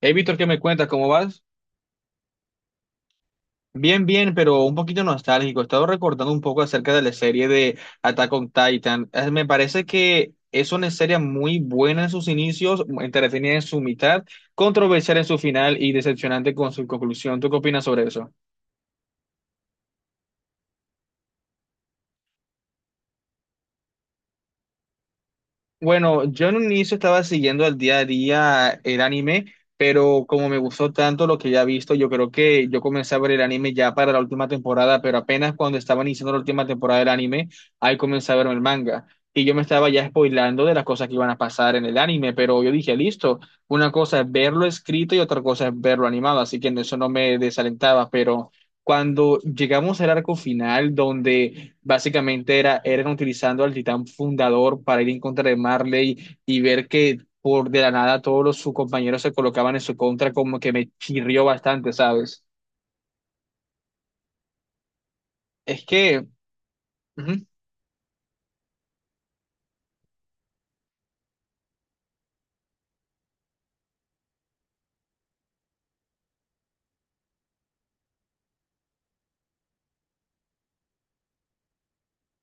Hey, Víctor, ¿qué me cuentas? ¿Cómo vas? Bien, bien, pero un poquito nostálgico. He estado recordando un poco acerca de la serie de Attack on Titan. Me parece que es una serie muy buena en sus inicios, entretenida en su mitad, controversial en su final y decepcionante con su conclusión. ¿Tú qué opinas sobre eso? Bueno, yo en un inicio estaba siguiendo al día a día el anime, pero como me gustó tanto lo que ya he visto, yo creo que yo comencé a ver el anime ya para la última temporada, pero apenas cuando estaba iniciando la última temporada del anime, ahí comencé a ver el manga. Y yo me estaba ya spoilando de las cosas que iban a pasar en el anime, pero yo dije, listo, una cosa es verlo escrito y otra cosa es verlo animado, así que en eso no me desalentaba, pero cuando llegamos al arco final, donde básicamente era, eran utilizando al titán fundador para ir en contra de Marley y ver que por de la nada sus compañeros se colocaban en su contra, como que me chirrió bastante, ¿sabes? Es que, ujú.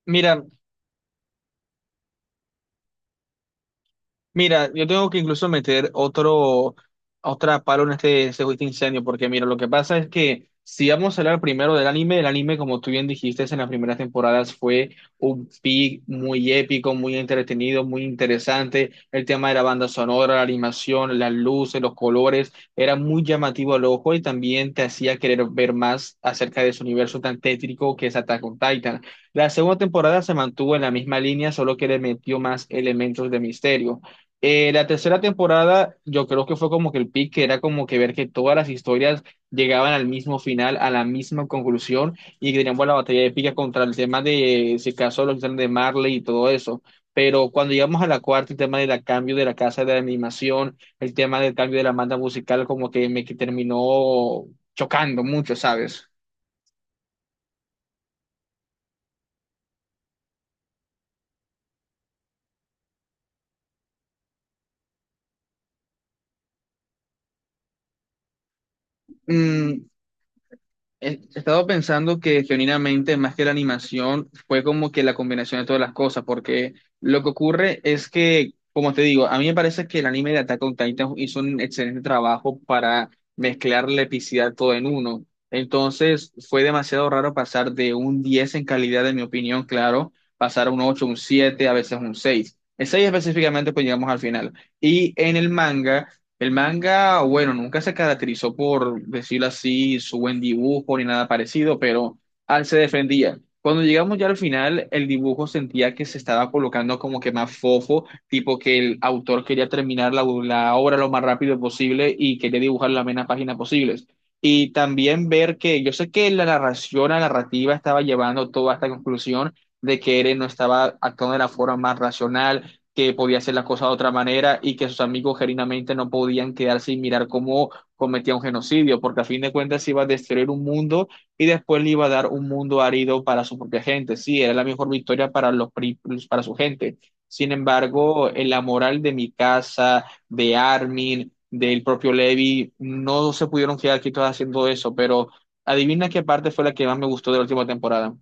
Mira, Mira, yo tengo que incluso meter otra palo en este juicio de incendio, porque mira, lo que pasa es que si vamos a hablar primero del anime, el anime, como tú bien dijiste, en las primeras temporadas fue un pic muy épico, muy entretenido, muy interesante. El tema de la banda sonora, la animación, las luces, los colores, era muy llamativo al ojo y también te hacía querer ver más acerca de ese universo tan tétrico que es Attack on Titan. La segunda temporada se mantuvo en la misma línea, solo que le metió más elementos de misterio. La tercera temporada, yo creo que fue como que el pick, que era como que ver que todas las historias llegaban al mismo final, a la misma conclusión, y que teníamos la batalla épica contra el tema de, si acaso, los titanes de Marley y todo eso. Pero cuando llegamos a la cuarta, el tema del cambio de la casa de la animación, el tema del cambio de la banda musical, como que me que terminó chocando mucho, ¿sabes? Mm, He he estado pensando que genuinamente, más que la animación, fue como que la combinación de todas las cosas, porque lo que ocurre es que, como te digo, a mí me parece que el anime de Attack on Titan hizo un excelente trabajo para mezclar la epicidad todo en uno. Entonces, fue demasiado raro pasar de un 10 en calidad, en mi opinión, claro, pasar a un 8 un 7 a veces un seis. El seis específicamente, pues llegamos al final. Y en el manga. El manga, bueno, nunca se caracterizó por decirlo así, su buen dibujo ni nada parecido, pero al se defendía. Cuando llegamos ya al final, el dibujo sentía que se estaba colocando como que más fofo, tipo que el autor quería terminar la obra lo más rápido posible y quería dibujar la menos páginas posibles. Y también ver que yo sé que la narración, la narrativa estaba llevando toda esta conclusión de que Eren no estaba actuando de la forma más racional, que podía hacer las cosas de otra manera y que sus amigos genuinamente no podían quedarse y mirar cómo cometía un genocidio, porque a fin de cuentas iba a destruir un mundo y después le iba a dar un mundo árido para su propia gente. Sí, era la mejor victoria para para su gente. Sin embargo, en la moral de mi casa, de Armin, del propio Levi, no se pudieron quedar quietos haciendo eso, pero adivina qué parte fue la que más me gustó de la última temporada.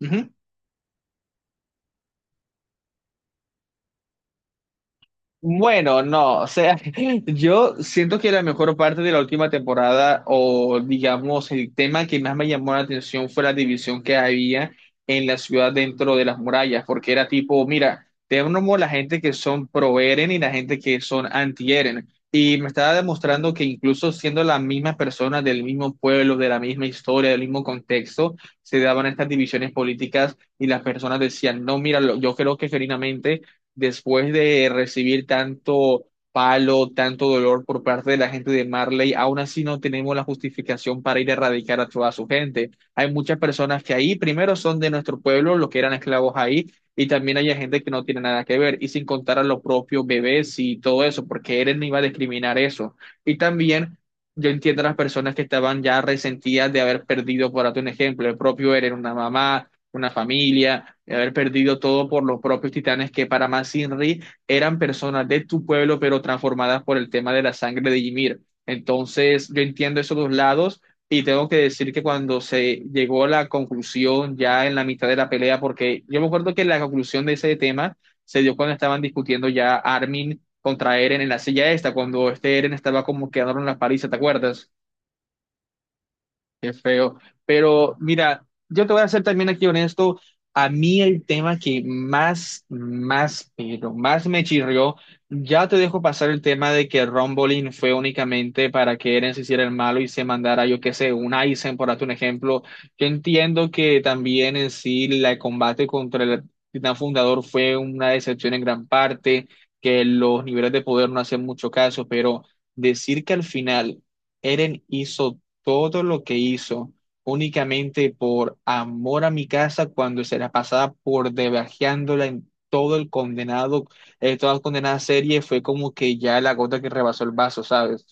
Ujú. Bueno, no, o sea, yo siento que la mejor parte de la última temporada, o digamos, el tema que más me llamó la atención fue la división que había en la ciudad dentro de las murallas, porque era tipo, mira, tenemos la gente que son pro-Eren y la gente que son anti-Eren. Y me estaba demostrando que incluso siendo las mismas personas del mismo pueblo, de la misma historia, del mismo contexto, se daban estas divisiones políticas y las personas decían, no, mira, yo creo que genuinamente después de recibir tanto palo, tanto dolor por parte de la gente de Marley, aún así no tenemos la justificación para ir a erradicar a toda su gente. Hay muchas personas que ahí primero son de nuestro pueblo, los que eran esclavos ahí, y también hay gente que no tiene nada que ver, y sin contar a los propios bebés y todo eso, porque Eren no iba a discriminar eso. Y también... Yo entiendo a las personas que estaban ya resentidas de haber perdido, por darte un ejemplo, el propio Eren, una mamá, una familia, de haber perdido todo por los propios titanes, que para más Inri eran personas de tu pueblo, pero transformadas por el tema de la sangre de Ymir. Entonces, yo entiendo esos dos lados y tengo que decir que cuando se llegó a la conclusión ya en la mitad de la pelea, porque yo me acuerdo que la conclusión de ese tema se dio cuando estaban discutiendo ya Armin contra Eren en la silla esta, cuando este Eren estaba como quedaron en la paliza, ¿te acuerdas? Qué feo. Pero mira, yo te voy a ser también aquí honesto. A mí el tema que más, más, pero más me chirrió, ya te dejo pasar el tema de que Rumble fue únicamente para que Eren se hiciera el malo y se mandara, yo qué sé, un Aizen, por darte un ejemplo. Yo entiendo que también en sí el combate contra el Titán Fundador fue una decepción en gran parte, que los niveles de poder no hacen mucho caso, pero decir que al final... Eren hizo todo lo que hizo únicamente por amor a mi casa cuando se la pasaba por debajeándola en todo el condenado, toda la condenada serie, fue como que ya la gota que rebasó el vaso, ¿sabes?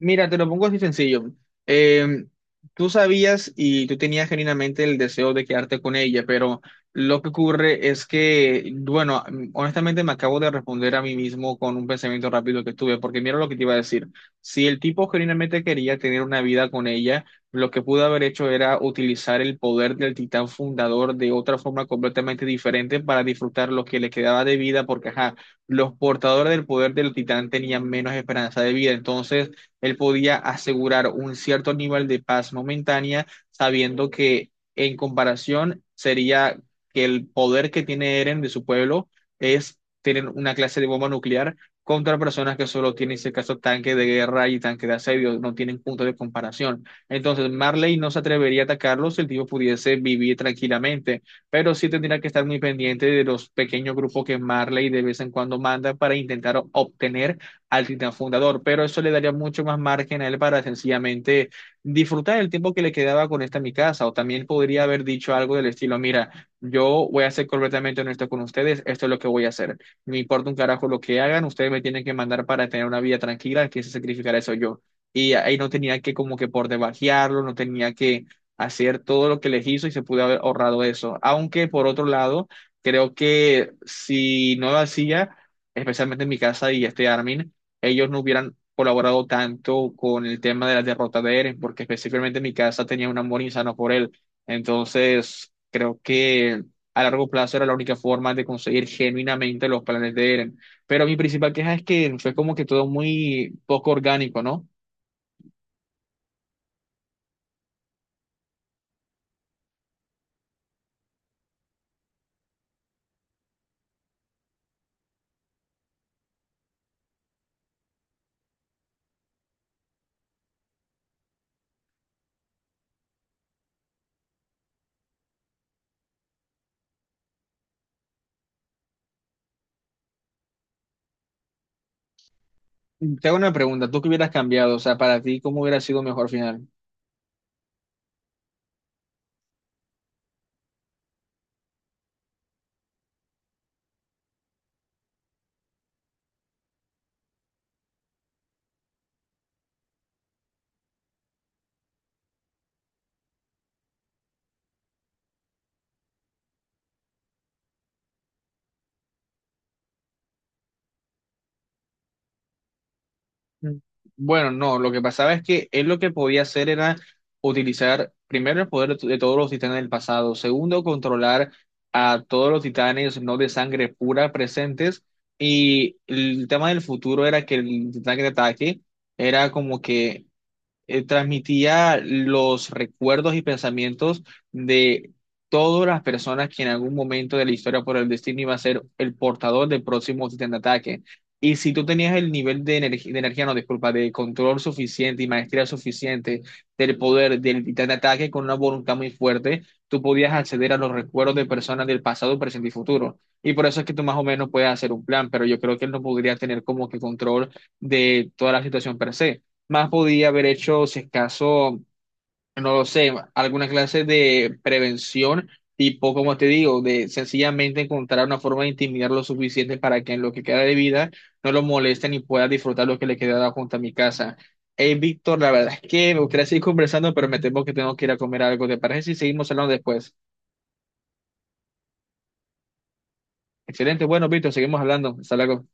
Mira, te lo pongo así sencillo. Eh, Tú sabías y tú tenías genuinamente el deseo de quedarte con ella, pero lo que ocurre es que, bueno, honestamente me acabo de responder a mí mismo con un pensamiento rápido que tuve, porque mira lo que te iba a decir. Si el tipo genuinamente quería tener una vida con ella, lo que pudo haber hecho era utilizar el poder del titán fundador de otra forma completamente diferente para disfrutar lo que le quedaba de vida, porque, ajá, los portadores del poder del titán tenían menos esperanza de vida. Entonces, él podía asegurar un cierto nivel de paz momentánea, sabiendo que en comparación sería que el poder que tiene Eren de su pueblo es tener una clase de bomba nuclear contra personas que solo tienen, en este caso, tanque de guerra y tanque de asedio, no tienen punto de comparación. Entonces, Marley no se atrevería a atacarlo si el tipo pudiese vivir tranquilamente, pero sí tendría que estar muy pendiente de los pequeños grupos que Marley de vez en cuando manda para intentar obtener al titán fundador, pero eso le daría mucho más margen a él para sencillamente disfrutar el tiempo que le quedaba con esta mi casa, o también podría haber dicho algo del estilo, mira, yo voy a ser completamente honesto con ustedes, esto es lo que voy a hacer, me importa un carajo lo que hagan, ustedes me tienen que mandar para tener una vida tranquila, que se sacrificar eso yo. Y ahí no tenía que como que por debajearlo, no tenía que hacer todo lo que les hizo y se pudo haber ahorrado eso. Aunque por otro lado, creo que si no lo hacía, especialmente en mi casa y este Armin, ellos no hubieran colaborado tanto con el tema de la derrota de Eren, porque específicamente mi casa tenía un amor insano por él. Entonces, creo que a largo plazo era la única forma de conseguir genuinamente los planes de Eren. Pero mi principal queja es que fue como que todo muy poco orgánico, ¿no? Te hago una pregunta, ¿tú qué hubieras cambiado? O sea, para ti, ¿cómo hubiera sido mejor final? Mm. Bueno, no, lo que pasaba es que él lo que podía hacer era utilizar primero el poder de todos los titanes del pasado, segundo, controlar a todos los titanes no de sangre pura presentes, y el tema del futuro era que el titán que te ataque era como que transmitía los recuerdos y pensamientos de todas las personas que en algún momento de la historia por el destino iba a ser el portador del próximo titán de ataque. Y si tú tenías el nivel de, de energía, no, disculpa, de control suficiente y maestría suficiente del poder del titán de ataque con una voluntad muy fuerte, tú podías acceder a los recuerdos de personas del pasado, presente y futuro. Y por eso es que tú más o menos puedes hacer un plan, pero yo creo que él no podría tener como que control de toda la situación per se, más podía haber hecho, si es caso, no lo sé, alguna clase de prevención, tipo, como te digo, de sencillamente encontrar una forma de intimidar lo suficiente para que en lo que queda de vida no lo molesten y pueda disfrutar lo que le queda junto a mi casa. Hey, Víctor, la verdad es que me gustaría seguir conversando, pero me temo que tengo que ir a comer algo. ¿Te parece si seguimos hablando después? Excelente, bueno, Víctor, seguimos hablando. Hasta luego.